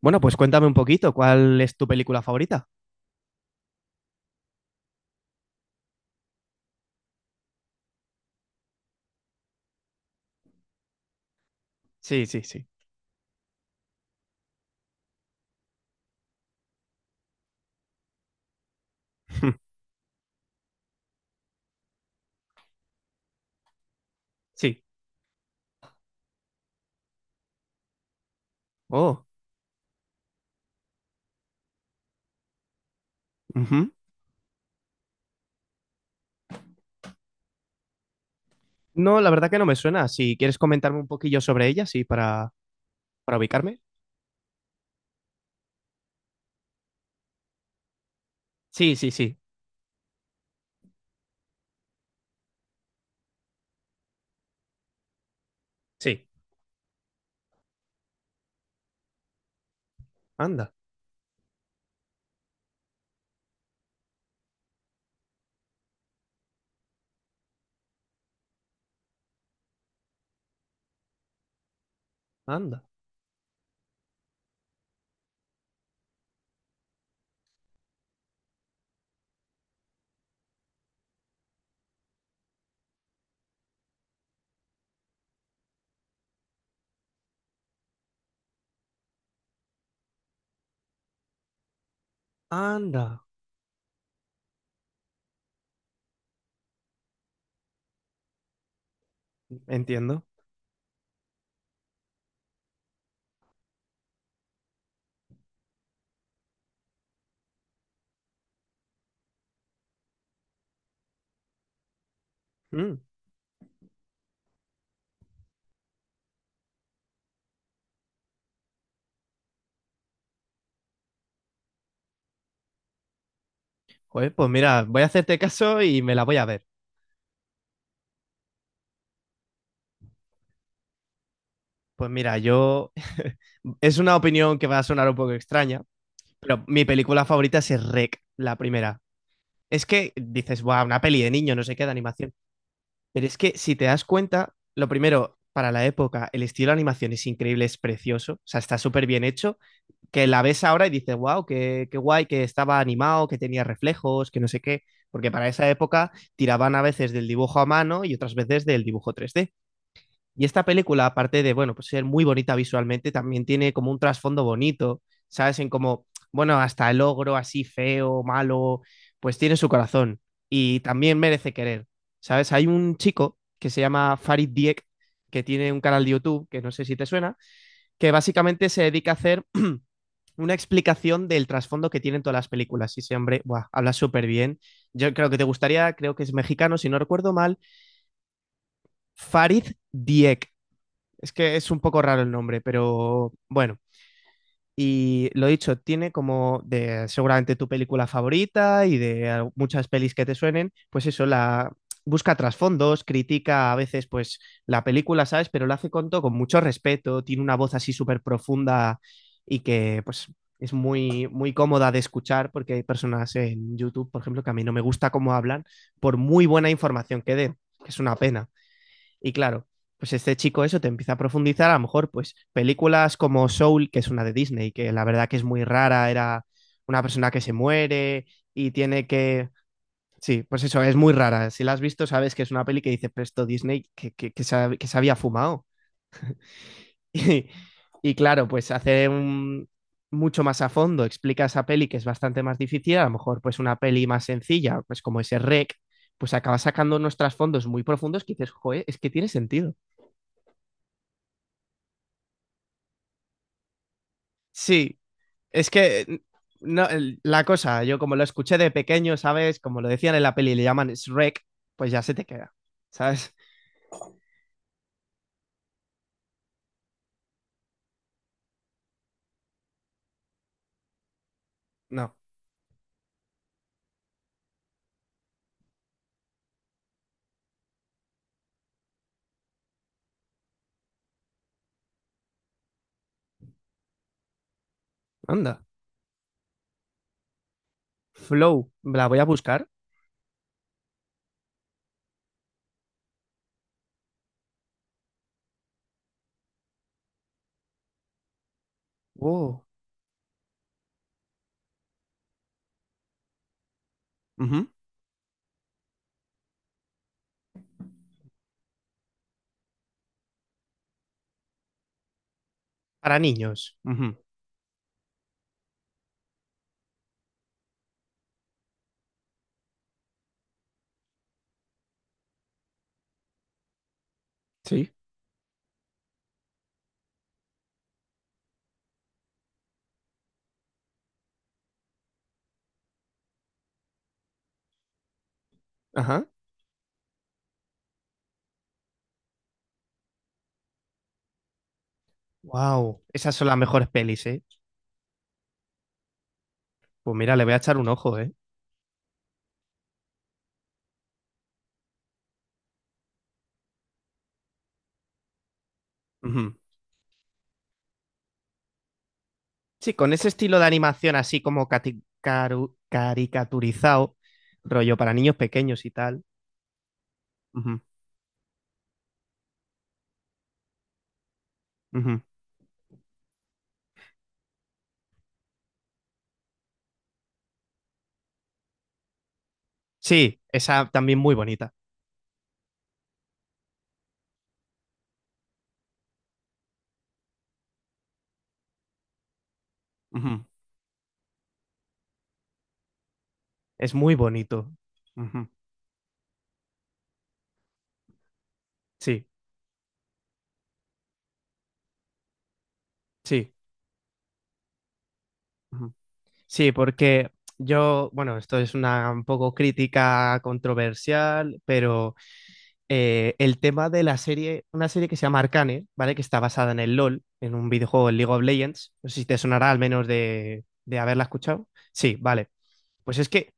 Bueno, pues cuéntame un poquito, ¿cuál es tu película favorita? Sí, sí, sí. Sí. Oh. Ujú. No, la verdad que no me suena. Si quieres comentarme un poquillo sobre ella, sí, para ubicarme. Sí, sí, sí. Sí. Anda, anda, anda. Entiendo. Mm. Joder, pues mira, voy a hacerte caso y me la voy a ver. Pues mira, yo... Es una opinión que va a sonar un poco extraña, pero mi película favorita es Rec, la primera. Es que dices, wow, una peli de niño, no sé qué, de animación. Pero es que si te das cuenta, lo primero, para la época, el estilo de animación es increíble, es precioso, o sea, está súper bien hecho, que la ves ahora y dices, wow, qué, qué guay, que estaba animado, que tenía reflejos, que no sé qué, porque para esa época tiraban a veces del dibujo a mano y otras veces del dibujo 3D. Y esta película, aparte de, bueno, pues ser muy bonita visualmente, también tiene como un trasfondo bonito, ¿sabes? En como, bueno, hasta el ogro así feo, malo, pues tiene su corazón y también merece querer, ¿sabes? Hay un chico que se llama Farid Diek, que tiene un canal de YouTube, que no sé si te suena, que básicamente se dedica a hacer una explicación del trasfondo que tienen todas las películas. Y ese hombre, buah, habla súper bien. Yo creo que te gustaría, creo que es mexicano, si no recuerdo mal, Farid Diek. Es que es un poco raro el nombre, pero bueno. Y lo dicho, tiene como de seguramente tu película favorita y de muchas pelis que te suenen, pues eso, la busca trasfondos, critica a veces pues la película, ¿sabes? Pero lo hace con todo, con mucho respeto, tiene una voz así súper profunda y que pues es muy, muy cómoda de escuchar porque hay personas en YouTube, por ejemplo, que a mí no me gusta cómo hablan por muy buena información que den, que es una pena. Y claro, pues este chico eso te empieza a profundizar, a lo mejor pues películas como Soul, que es una de Disney, que la verdad que es muy rara, era una persona que se muere y tiene que... Sí, pues eso, es muy rara. Si la has visto, sabes que es una peli que dice Presto Disney que se había fumado. Y, y claro, pues hace un, mucho más a fondo, explica esa peli que es bastante más difícil, a lo mejor pues una peli más sencilla, pues como ese rec, pues acaba sacando unos trasfondos muy profundos que dices, joder, es que tiene sentido. Sí, es que no, la cosa, yo como lo escuché de pequeño, ¿sabes? Como lo decían en la peli, le llaman Shrek, pues ya se te queda, ¿sabes? No. Anda. Flow, la voy a buscar. Oh. Ujú. Para niños. Ujú. Sí. Ajá. Wow. Esas son las mejores pelis, ¿eh? Pues mira, le voy a echar un ojo, ¿eh? Ujú. Sí, con ese estilo de animación así como caricaturizado, rollo para niños pequeños y tal. Ujú, ujú. Sí, esa también muy bonita. Ujú. Es muy bonito. Ujú. Sí, sí. Ujú. Sí, porque yo, bueno, esto es una un poco crítica controversial, pero el tema de la serie, una serie que se llama Arcane, ¿vale? Que está basada en el LOL, en un videojuego, el League of Legends. No sé si te sonará al menos de haberla escuchado. Sí, vale. Pues es que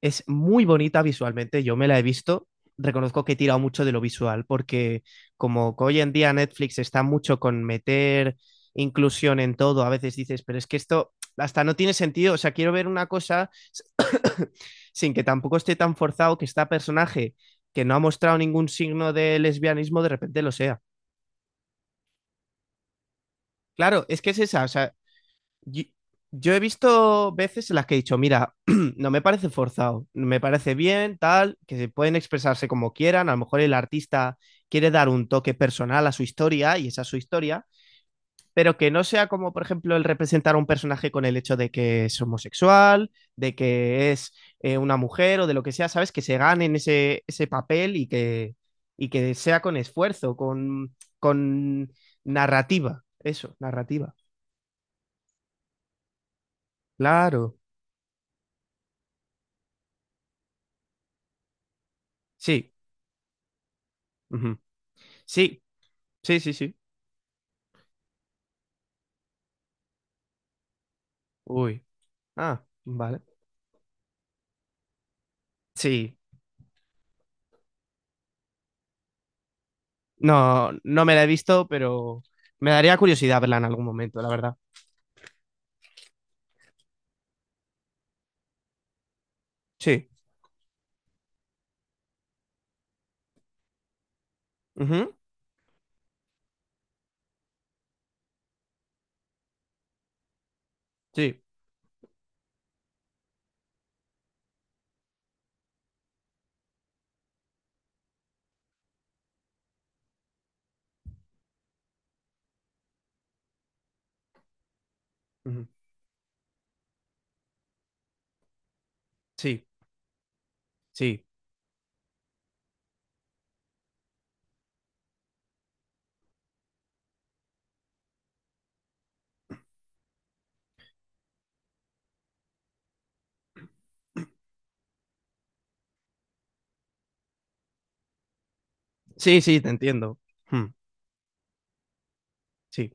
es muy bonita visualmente, yo me la he visto. Reconozco que he tirado mucho de lo visual, porque como que hoy en día Netflix está mucho con meter inclusión en todo, a veces dices, pero es que esto hasta no tiene sentido. O sea, quiero ver una cosa sin que tampoco esté tan forzado que este personaje que no ha mostrado ningún signo de lesbianismo de repente lo sea. Claro, es que es esa, o sea, Yo, yo he visto veces en las que he dicho, mira, no me parece forzado, me parece bien, tal, que se pueden expresarse como quieran, a lo mejor el artista quiere dar un toque personal a su historia y esa es su historia, pero que no sea como, por ejemplo, el representar a un personaje con el hecho de que es homosexual, de que es una mujer o de lo que sea, ¿sabes? Que se ganen ese, ese papel y que sea con esfuerzo, con narrativa, eso, narrativa. Claro, sí. Ujú. Sí, sí, sí, sí. Uy. Ah, vale. Sí. No, no me la he visto, pero me daría curiosidad verla en algún momento, la verdad. Sí. Ujú. Sí. Ujú. Sí. Sí. Sí, sí, te entiendo. Hmm. Sí.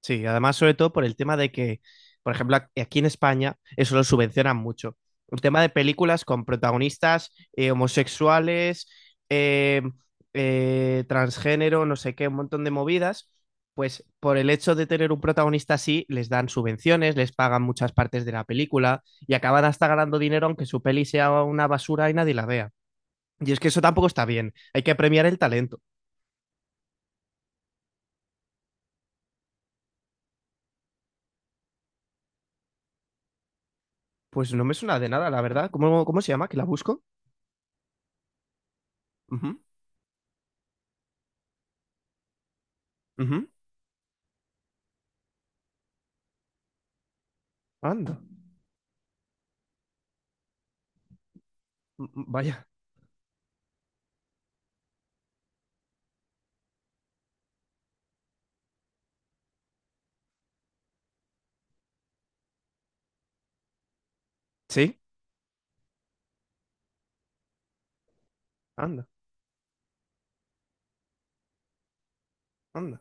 Sí, además, sobre todo por el tema de que, por ejemplo, aquí en España eso lo subvencionan mucho. El tema de películas con protagonistas homosexuales, eh, transgénero, no sé qué, un montón de movidas, pues por el hecho de tener un protagonista así, les dan subvenciones, les pagan muchas partes de la película y acaban hasta ganando dinero aunque su peli sea una basura y nadie la vea. Y es que eso tampoco está bien, hay que premiar el talento. Pues no me suena de nada, la verdad. ¿Cómo, cómo se llama? ¿Que la busco? Uh -huh, uh -huh. Anda. Vaya, sí, anda, anda,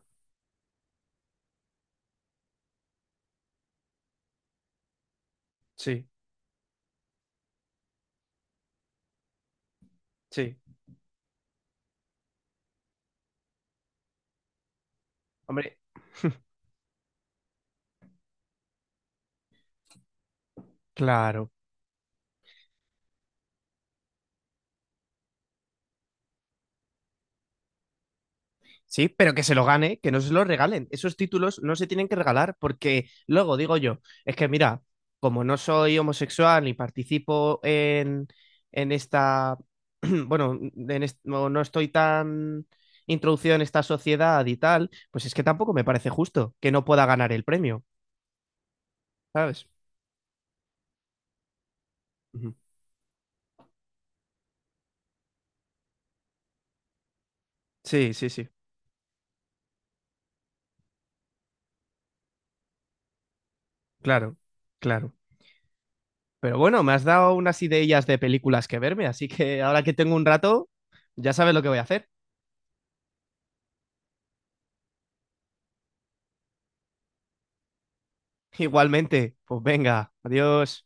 sí, sí, hombre, claro, sí, pero que se lo gane, que no se lo regalen. Esos títulos no se tienen que regalar porque luego digo yo, es que mira, como no soy homosexual ni participo en esta, bueno, en no, no estoy tan introducido en esta sociedad y tal, pues es que tampoco me parece justo que no pueda ganar el premio, ¿sabes? Ujú. Sí, sí, sí, claro, claro. Pero bueno, me has dado unas ideas de películas que verme, así que ahora que tengo un rato, ya sabes lo que voy a hacer. Igualmente, pues venga, adiós.